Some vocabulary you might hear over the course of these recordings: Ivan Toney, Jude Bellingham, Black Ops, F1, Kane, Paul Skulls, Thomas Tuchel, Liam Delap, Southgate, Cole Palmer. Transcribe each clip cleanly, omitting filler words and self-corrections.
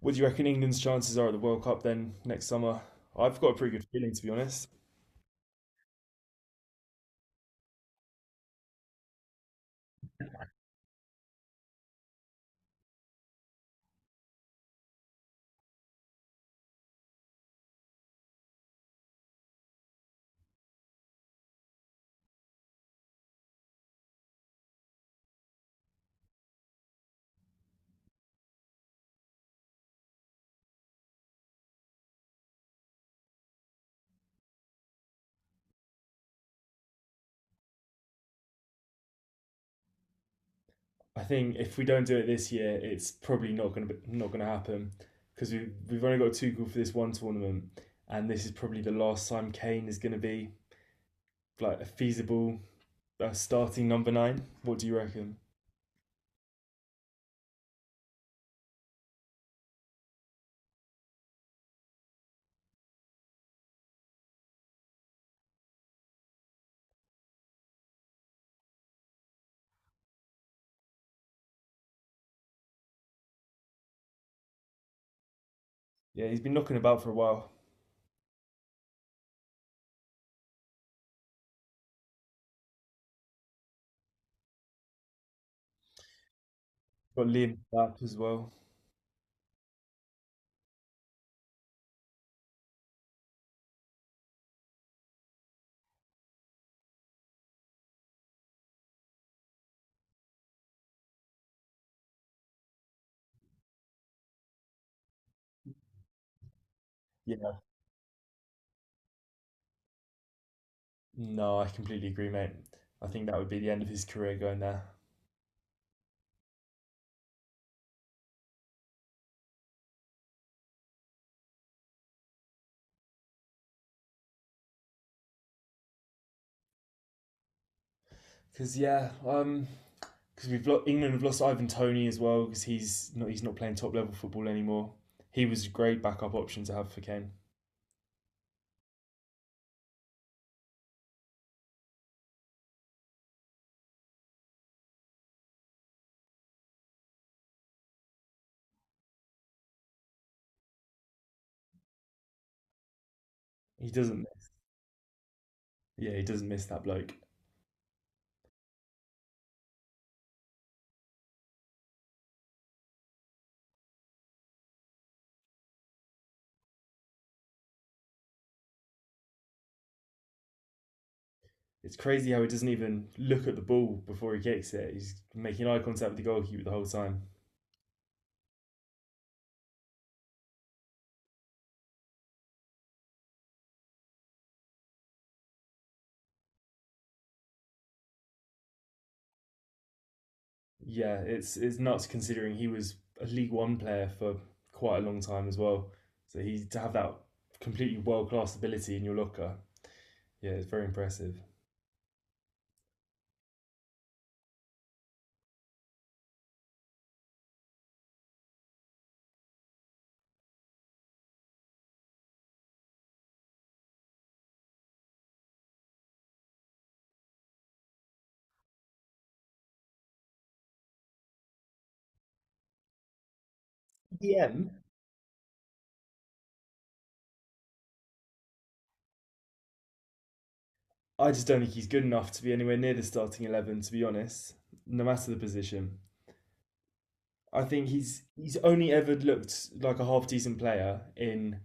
What do you reckon England's chances are at the World Cup then next summer? I've got a pretty good feeling to be honest. I think if we don't do it this year, it's probably not gonna happen because we've only got Tuchel for this one tournament, and this is probably the last time Kane is gonna be like a feasible starting number nine. What do you reckon? Yeah, he's been knocking about for a while. Got Liam Delap as well. Yeah, no, I completely agree, mate. I think that would be the end of his career going there. Because yeah, because we've lost, England have lost Ivan Tony as well because he's not playing top level football anymore. He was a great backup option to have for Kane. He doesn't Yeah, he doesn't miss that bloke. It's crazy how he doesn't even look at the ball before he kicks it. He's making eye contact with the goalkeeper the whole time. Yeah, it's nuts considering he was a League One player for quite a long time as well. So he to have that completely world class ability in your locker, yeah, it's very impressive. EM I just don't think he's good enough to be anywhere near the starting 11. To be honest, no matter the position, I think he's only ever looked like a half decent player in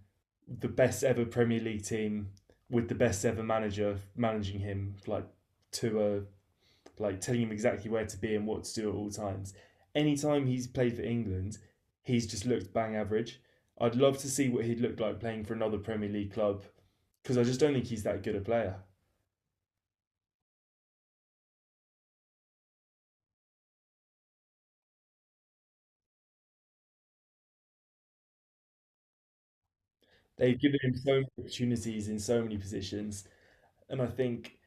the best ever Premier League team with the best ever manager managing him, like to a like telling him exactly where to be and what to do at all times. Anytime he's played for England, he's just looked bang average. I'd love to see what he'd look like playing for another Premier League club because I just don't think he's that good a player. They've given him so many opportunities in so many positions. And I think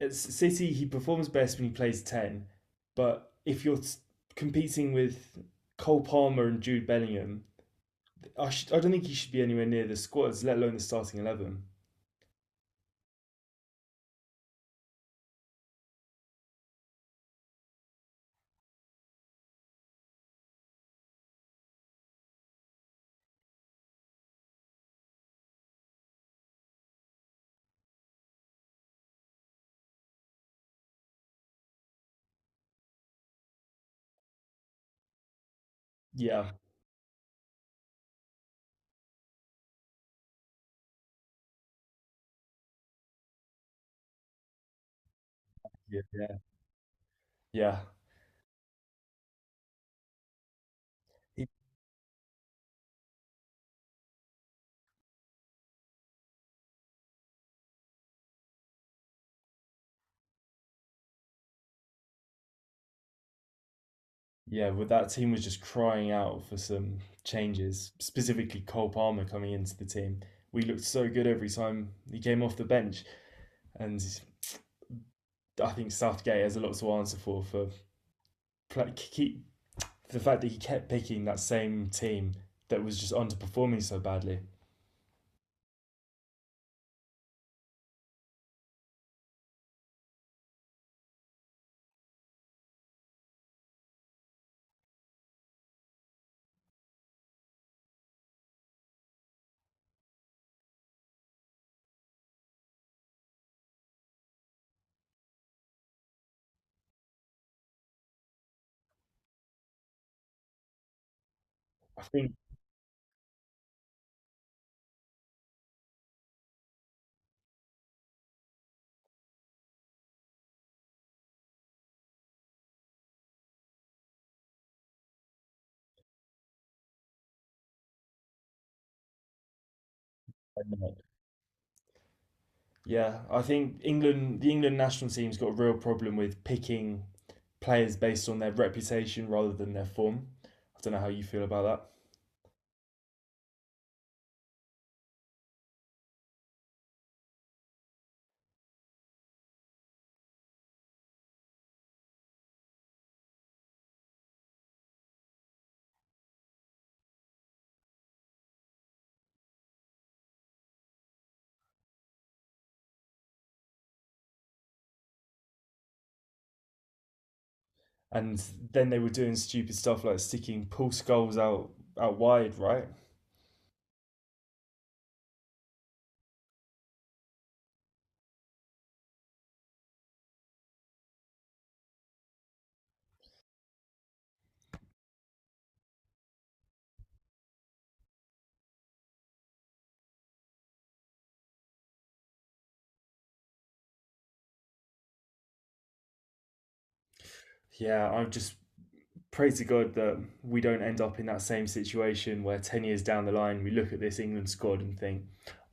at City, he performs best when he plays 10. But if you're s- competing with Cole Palmer and Jude Bellingham, I don't think he should be anywhere near the squads, let alone the starting 11. Yeah. Yeah. Yeah. Yeah. He- Yeah, well, that team was just crying out for some changes, specifically Cole Palmer coming into the team. We looked so good every time he came off the bench, and I think Southgate has a lot to answer for pla- keep the fact that he kept picking that same team that was just underperforming so badly. I think yeah, I think England, the England national team's got a real problem with picking players based on their reputation rather than their form. I don't know how you feel about that. And then they were doing stupid stuff like sticking Paul Skulls out wide, right? Yeah, I just pray to God that we don't end up in that same situation where 10 years down the line we look at this England squad and think,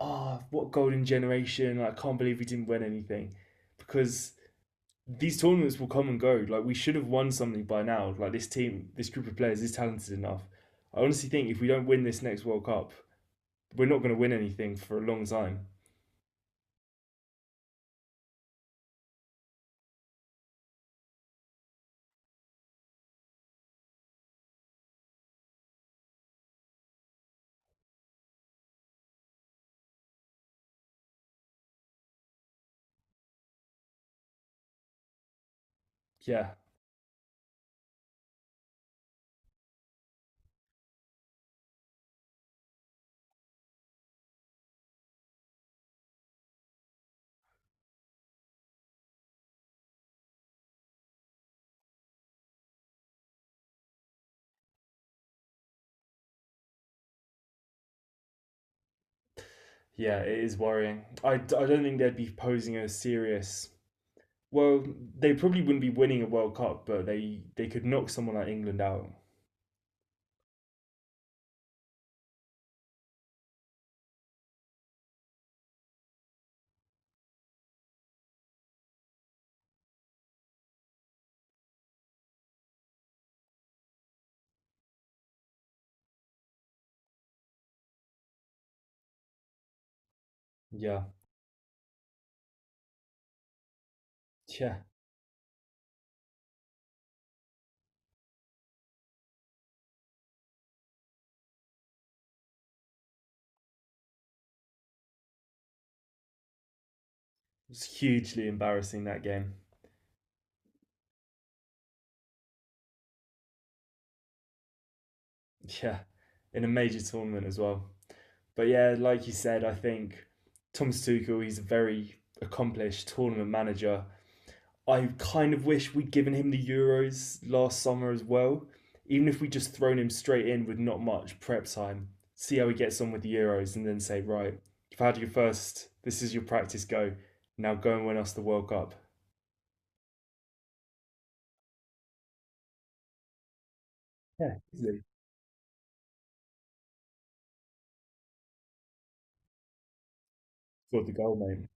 ah, oh, what golden generation. I can't believe we didn't win anything. Because these tournaments will come and go. Like, we should have won something by now. Like, this team, this group of players is talented enough. I honestly think if we don't win this next World Cup, we're not going to win anything for a long time. Yeah. Yeah, it is worrying. I don't think they'd be posing a serious. Well, they probably wouldn't be winning a World Cup, but they could knock someone like England out. Yeah, yeah, it's hugely embarrassing that game. Yeah, in a major tournament as well. But yeah, like you said, I think Thomas Tuchel he's a very accomplished tournament manager. I kind of wish we'd given him the Euros last summer as well. Even if we just thrown him straight in with not much prep time, see how he gets on with the Euros, and then say, right, you've had your first. This is your practice go. Now go and win us the World Cup. Yeah, easily scored the goal, mate.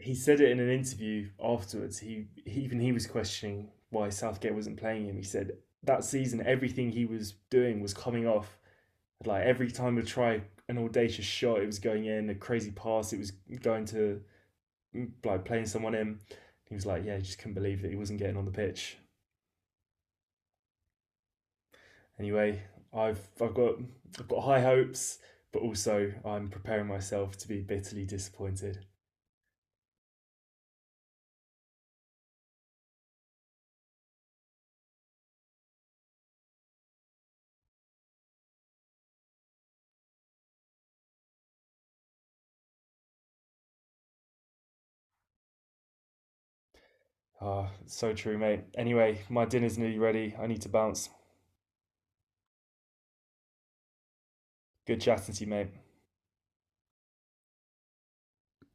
He said it in an interview afterwards. He even he was questioning why Southgate wasn't playing him. He said that season everything he was doing was coming off like every time we try an audacious shot, it was going in a crazy pass. It was going to like playing someone in. He was like, yeah, he just couldn't believe that he wasn't getting on the pitch. Anyway, I've I've got I've got high hopes, but also I'm preparing myself to be bitterly disappointed. Ah, so true, mate. Anyway, my dinner's nearly ready. I need to bounce. Good chatting to you, mate.